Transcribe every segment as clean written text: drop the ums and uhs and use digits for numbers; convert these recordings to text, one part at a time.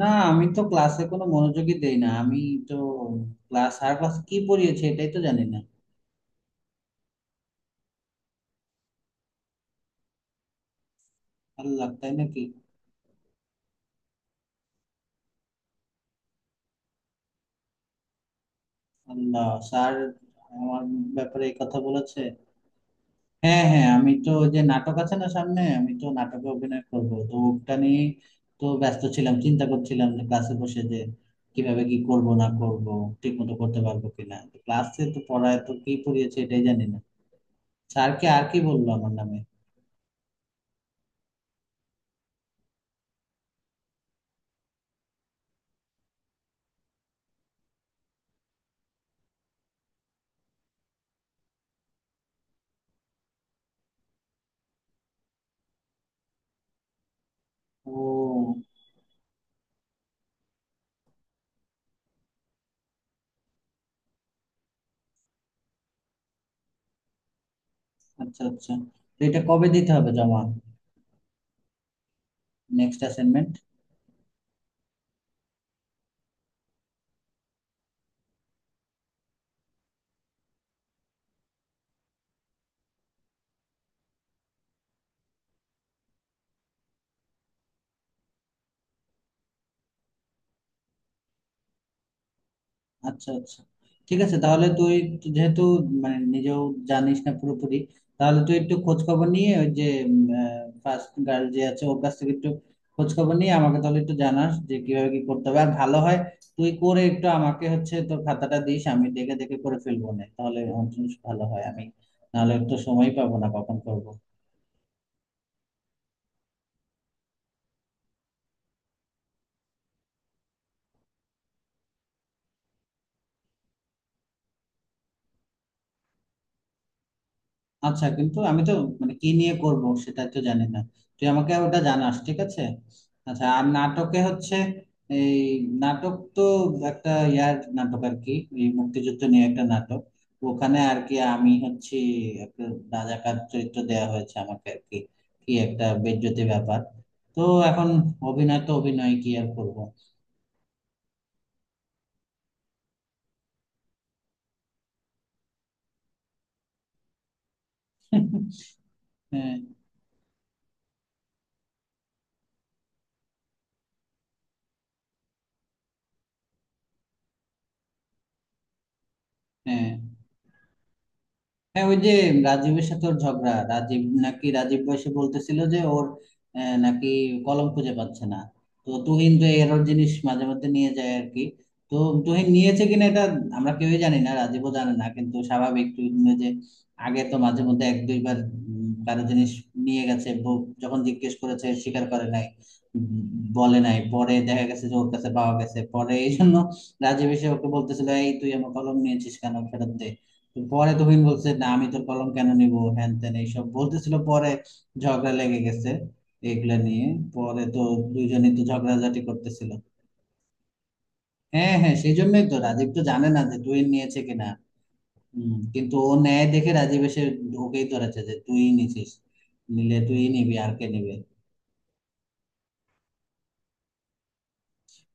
না, আমি তো ক্লাসে কোনো মনোযোগই দেই না। আমি তো স্যার ক্লাস কি পড়িয়েছে এটাই তো জানি না। আল্লাহ, তাই নাকি? আল্লাহ, স্যার আমার ব্যাপারে এই কথা বলেছে? হ্যাঁ, হ্যাঁ, আমি তো ওই যে নাটক আছে না সামনে, আমি তো নাটকে অভিনয় করব, তো ওটা নিয়ে তো ব্যস্ত ছিলাম, চিন্তা করছিলাম যে ক্লাসে বসে যে কিভাবে কি করব না করব, ঠিক মতো করতে পারবো কিনা। ক্লাসে তো পড়ায় তো কি পড়িয়েছে এটাই জানি না। স্যারকে আর কি বললো আমার নামে? ও, আচ্ছা আচ্ছা। তো এটা কবে দিতে হবে জমা? Next assignment? আচ্ছা আচ্ছা, ঠিক আছে। তাহলে তুই যেহেতু মানে নিজেও জানিস না পুরোপুরি, তাহলে তুই একটু খোঁজ খবর নিয়ে ওই যে ফার্স্ট গার্ল যে আছে ওর কাছ থেকে একটু খোঁজ খবর নিয়ে আমাকে তাহলে একটু জানাস যে কিভাবে কি করতে হবে আর ভালো হয়। তুই করে একটু আমাকে হচ্ছে তোর খাতাটা দিস, আমি দেখে দেখে করে ফেলবো, না তাহলে আমার জন্য ভালো হয়। আমি নাহলে তো সময় পাবো না কখন করবো। আচ্ছা, কিন্তু আমি তো মানে কি নিয়ে করব সেটা তো জানি না, তুই আমাকে ওটা জানাস, ঠিক আছে? আচ্ছা, আর নাটকে হচ্ছে এই নাটক তো একটা ইয়ার নাটক আর কি, এই মুক্তিযুদ্ধ নিয়ে একটা নাটক। ওখানে আর কি আমি হচ্ছে একটা রাজাকার চরিত্র দেয়া হয়েছে আমাকে আর কি। কি একটা বেজ্জতি ব্যাপার! তো এখন অভিনয় তো অভিনয় কি আর করবো। হ্যাঁ, হ্যাঁ হ্যাঁ, ওই যে রাজীবের সাথে ওর ঝগড়া। রাজীব নাকি, রাজীব বয়সে বলতেছিল যে ওর নাকি কলম খুঁজে পাচ্ছে না। তো তুহিন তো এরর জিনিস মাঝে মধ্যে নিয়ে যায় আর কি। তো তুহিন নিয়েছে কিনা এটা আমরা কেউই জানি না, রাজীবও জানে না, কিন্তু স্বাভাবিক তুহিন যে আগে তো মাঝে মধ্যে এক দুইবার কারো জিনিস নিয়ে গেছে, যখন জিজ্ঞেস করেছে স্বীকার করে নাই, উম, বলে নাই, পরে দেখা গেছে যে ওর কাছে পাওয়া গেছে। পরে এই জন্য রাজীব এসে ওকে বলতেছিল, "এই, তুই আমার কলম নিয়েছিস কেন, ফেরত দে।" পরে তুহিন বলছে, "না, আমি তোর কলম কেন নিব, হ্যান ত্যান" এইসব বলতেছিল। পরে ঝগড়া লেগে গেছে এগুলা নিয়ে। পরে তো দুইজনই তো ঝগড়াঝাটি করতেছিল। হ্যাঁ হ্যাঁ, সেই জন্যই তো রাজীব তো জানে না যে তুহিন নিয়েছে কিনা। হম, কিন্তু ও নেয় দেখে রাজীব এসে ওকেই ধরেছে যে তুই নিছিস। নিলে তুই নিবি আর কে নিবে।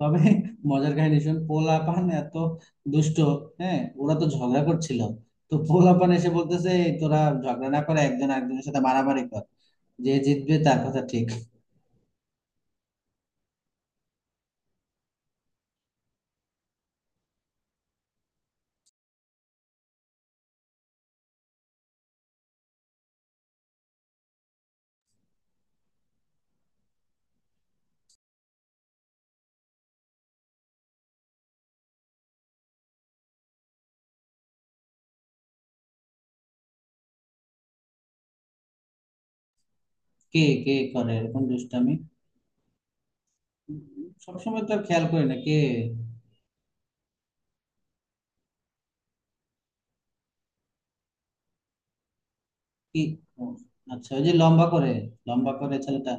তবে মজার কাহিনী শুন, পোলাপান এত দুষ্ট! হ্যাঁ, ওরা তো ঝগড়া করছিল। তো পোলাপান এসে বলতেছে, "এই তোরা ঝগড়া না করে একজন আরেকজনের সাথে মারামারি কর, যে জিতবে তার কথা ঠিক।" কে কে করে এরকম দুষ্টামি? উম, সবসময় তো আর খেয়াল করি না কে কি। ও, আচ্ছা, ওই যে লম্বা করে, লম্বা করে ছেলেটা।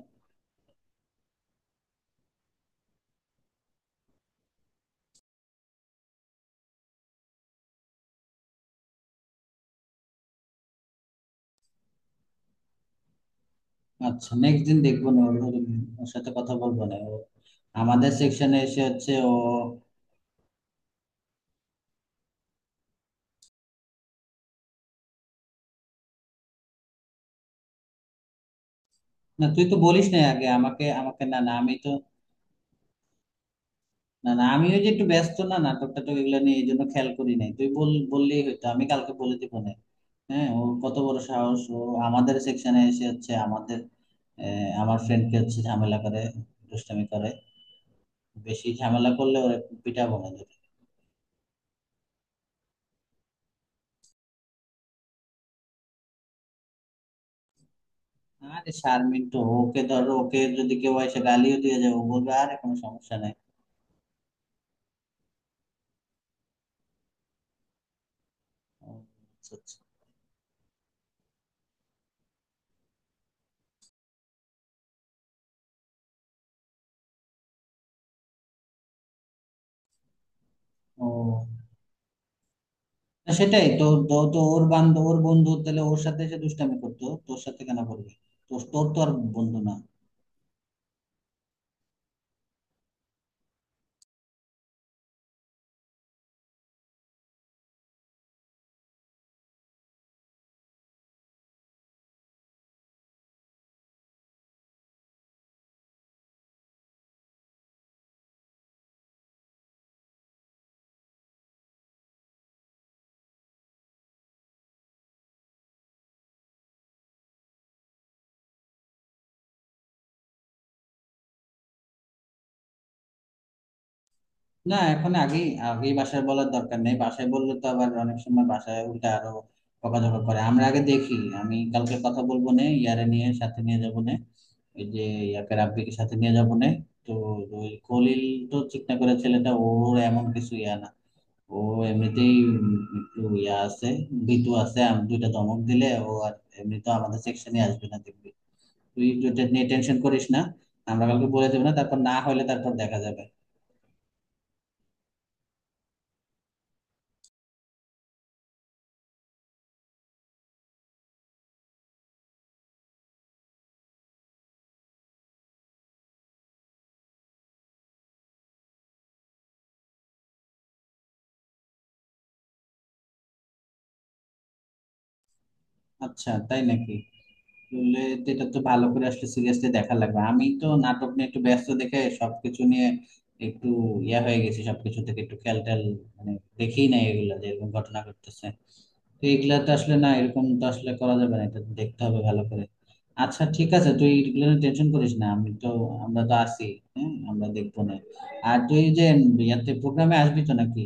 আচ্ছা, নেক্সট দিন দেখবো না, ওর ওর- ওর সাথে কথা বলবো না। ও আমাদের সেকশনে এসে হচ্ছে ও— না, তুই তো বলিস না আগে আমাকে আমাকে। না না, আমি তো, না না, আমি ওই যে একটু ব্যস্ত না, নাটক টাটক এগুলো নিয়ে, এই জন্য খেয়াল করি নাই। তুই বল, বললেই হয়তো আমি কালকে বলে দিব না। হ্যাঁ, ও কত বড় সাহস, ও আমাদের সেকশনে এসে হচ্ছে আমাদের আমার ফ্রেন্ডকে হচ্ছে ঝামেলা করে, দুষ্টামি করে। বেশি ঝামেলা করলে ওরে পিটাবো না ধরে। আরে, শারমিন তো, ওকে ধরো, ওকে যদি কেউ এসে গালিও দিয়ে যায় ও বলবে, "আরে কোনো সমস্যা নাই।" ও, আচ্ছা, আচ্ছা। ও, না, সেটাই তো। তো ওর বন্ধু তাহলে ওর সাথে এসে দুষ্টামি করতো, তোর সাথে কেন করবে? তোর তোর তো আর বন্ধু না। না, এখন আগেই আগেই বাসায় বলার দরকার নেই। বাসায় বললে তো আবার অনেক সময় বাসায় উল্টা আরো বকাঝকা করে। আমরা আগে দেখি। আমি কালকে কথা বলবো নে ইয়ারে নিয়ে, সাথে নিয়ে যাবো নে, ওই যে ইয়াকে, রাব্বিকে সাথে নিয়ে যাবো নে। তো ওই খলিল, তো চিকনা করে ছেলেটা, ওর এমন কিছু ইয়া না ও, এমনিতেই একটু ইয়া আছে, ভীতু আছে। আমি দুইটা ধমক দিলে ও আর এমনি তো আমাদের সেকশনে আসবে না, দেখবি। তুই এটা নিয়ে টেনশন করিস না। আমরা কালকে বলে দেবো, না তারপর, না হলে তারপর দেখা যাবে। আচ্ছা, তাই নাকি? আসলে তো এটা তো ভালো করে আসলে সিরিয়াসলি দেখা লাগবে। আমি তো নাটক নিয়ে একটু ব্যস্ত দেখে সবকিছু নিয়ে একটু ইয়া হয়ে গেছি, সবকিছু থেকে একটু খেয়াল টেয়াল মানে দেখেই নাই এগুলা যে এরকম ঘটনা ঘটতেছে। তো এগুলা তো আসলে না, এরকম তো আসলে করা যাবে না, এটা দেখতে হবে ভালো করে। আচ্ছা ঠিক আছে, তুই এগুলো টেনশন করিস না, আমি তো আমরা তো আছি। হ্যাঁ, আমরা দেখবো না। আর তুই যে ইয়াতে প্রোগ্রামে আসবি তো নাকি?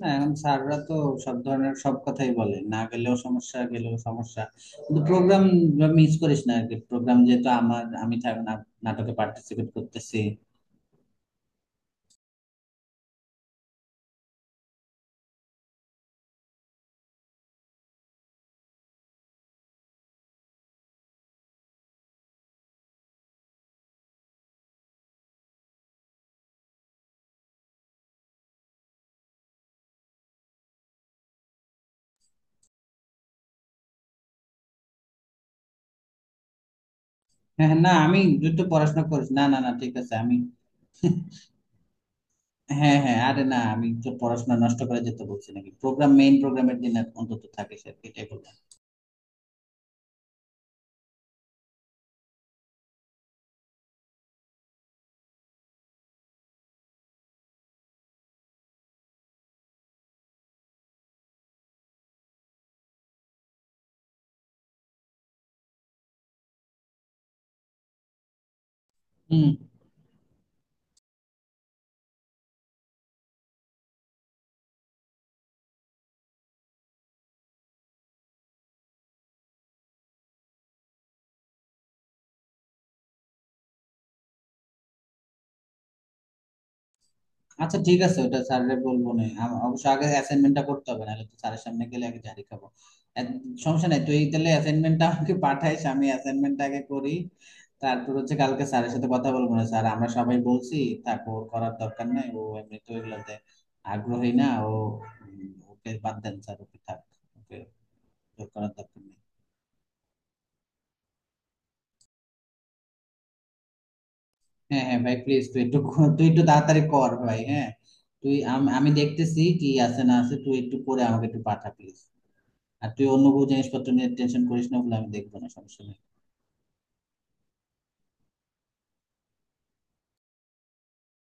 না, এখন স্যাররা তো সব ধরনের সব কথাই বলে, না গেলেও সমস্যা, গেলেও সমস্যা, কিন্তু প্রোগ্রাম মিস করিস না আর কি, প্রোগ্রাম যেহেতু আমার, আমি নাটকে পার্টিসিপেট করতেছি। হ্যাঁ হ্যাঁ, না আমি, তুই তো পড়াশোনা করিস না, না না, ঠিক আছে আমি। হ্যাঁ হ্যাঁ, আরে না, আমি তো পড়াশোনা নষ্ট করে যেতে বলছি নাকি? প্রোগ্রাম মেইন, প্রোগ্রামের দিন অন্তত থাকিস আর কি, এটাই বললাম। হুম। আচ্ছা ঠিক আছে, ওটা স্যাররে বলবো। না অবশ্য আগে অ্যাসাইনমেন্টটা করতে হবে, নাহলে তো স্যারের সামনে গেলে আগে ঝাড়ি খাবো। এক- সমস্যা নাই, তুই তাহলে অ্যাসাইনমেন্টটা আমাকে পাঠাইস, আমি অ্যাসাইনমেন্টটা আগে করি। তারপর হচ্ছে কালকে স্যারের সাথে কথা বলবো, "না স্যার, আমরা সবাই বলছি থাক, ওর করার দরকার নাই, ও এমনি তো এগুলোতে আগ্রহী না, ও ওকে বাদ দেন স্যার, ওকে থাক, ওকে, ওর করার দরকার নেই।" হ্যাঁ হ্যাঁ ভাই, প্লিজ তুই একটু তাড়াতাড়ি কর ভাই, হ্যাঁ। আমি দেখতেছি কি আছে না আছে, তুই একটু করে আমাকে একটু পাঠা প্লিজ। আর তুই অন্য কোনো জিনিসপত্র নিয়ে টেনশন করিস না, বলে আমি দেখবো, না সমস্যা নেই।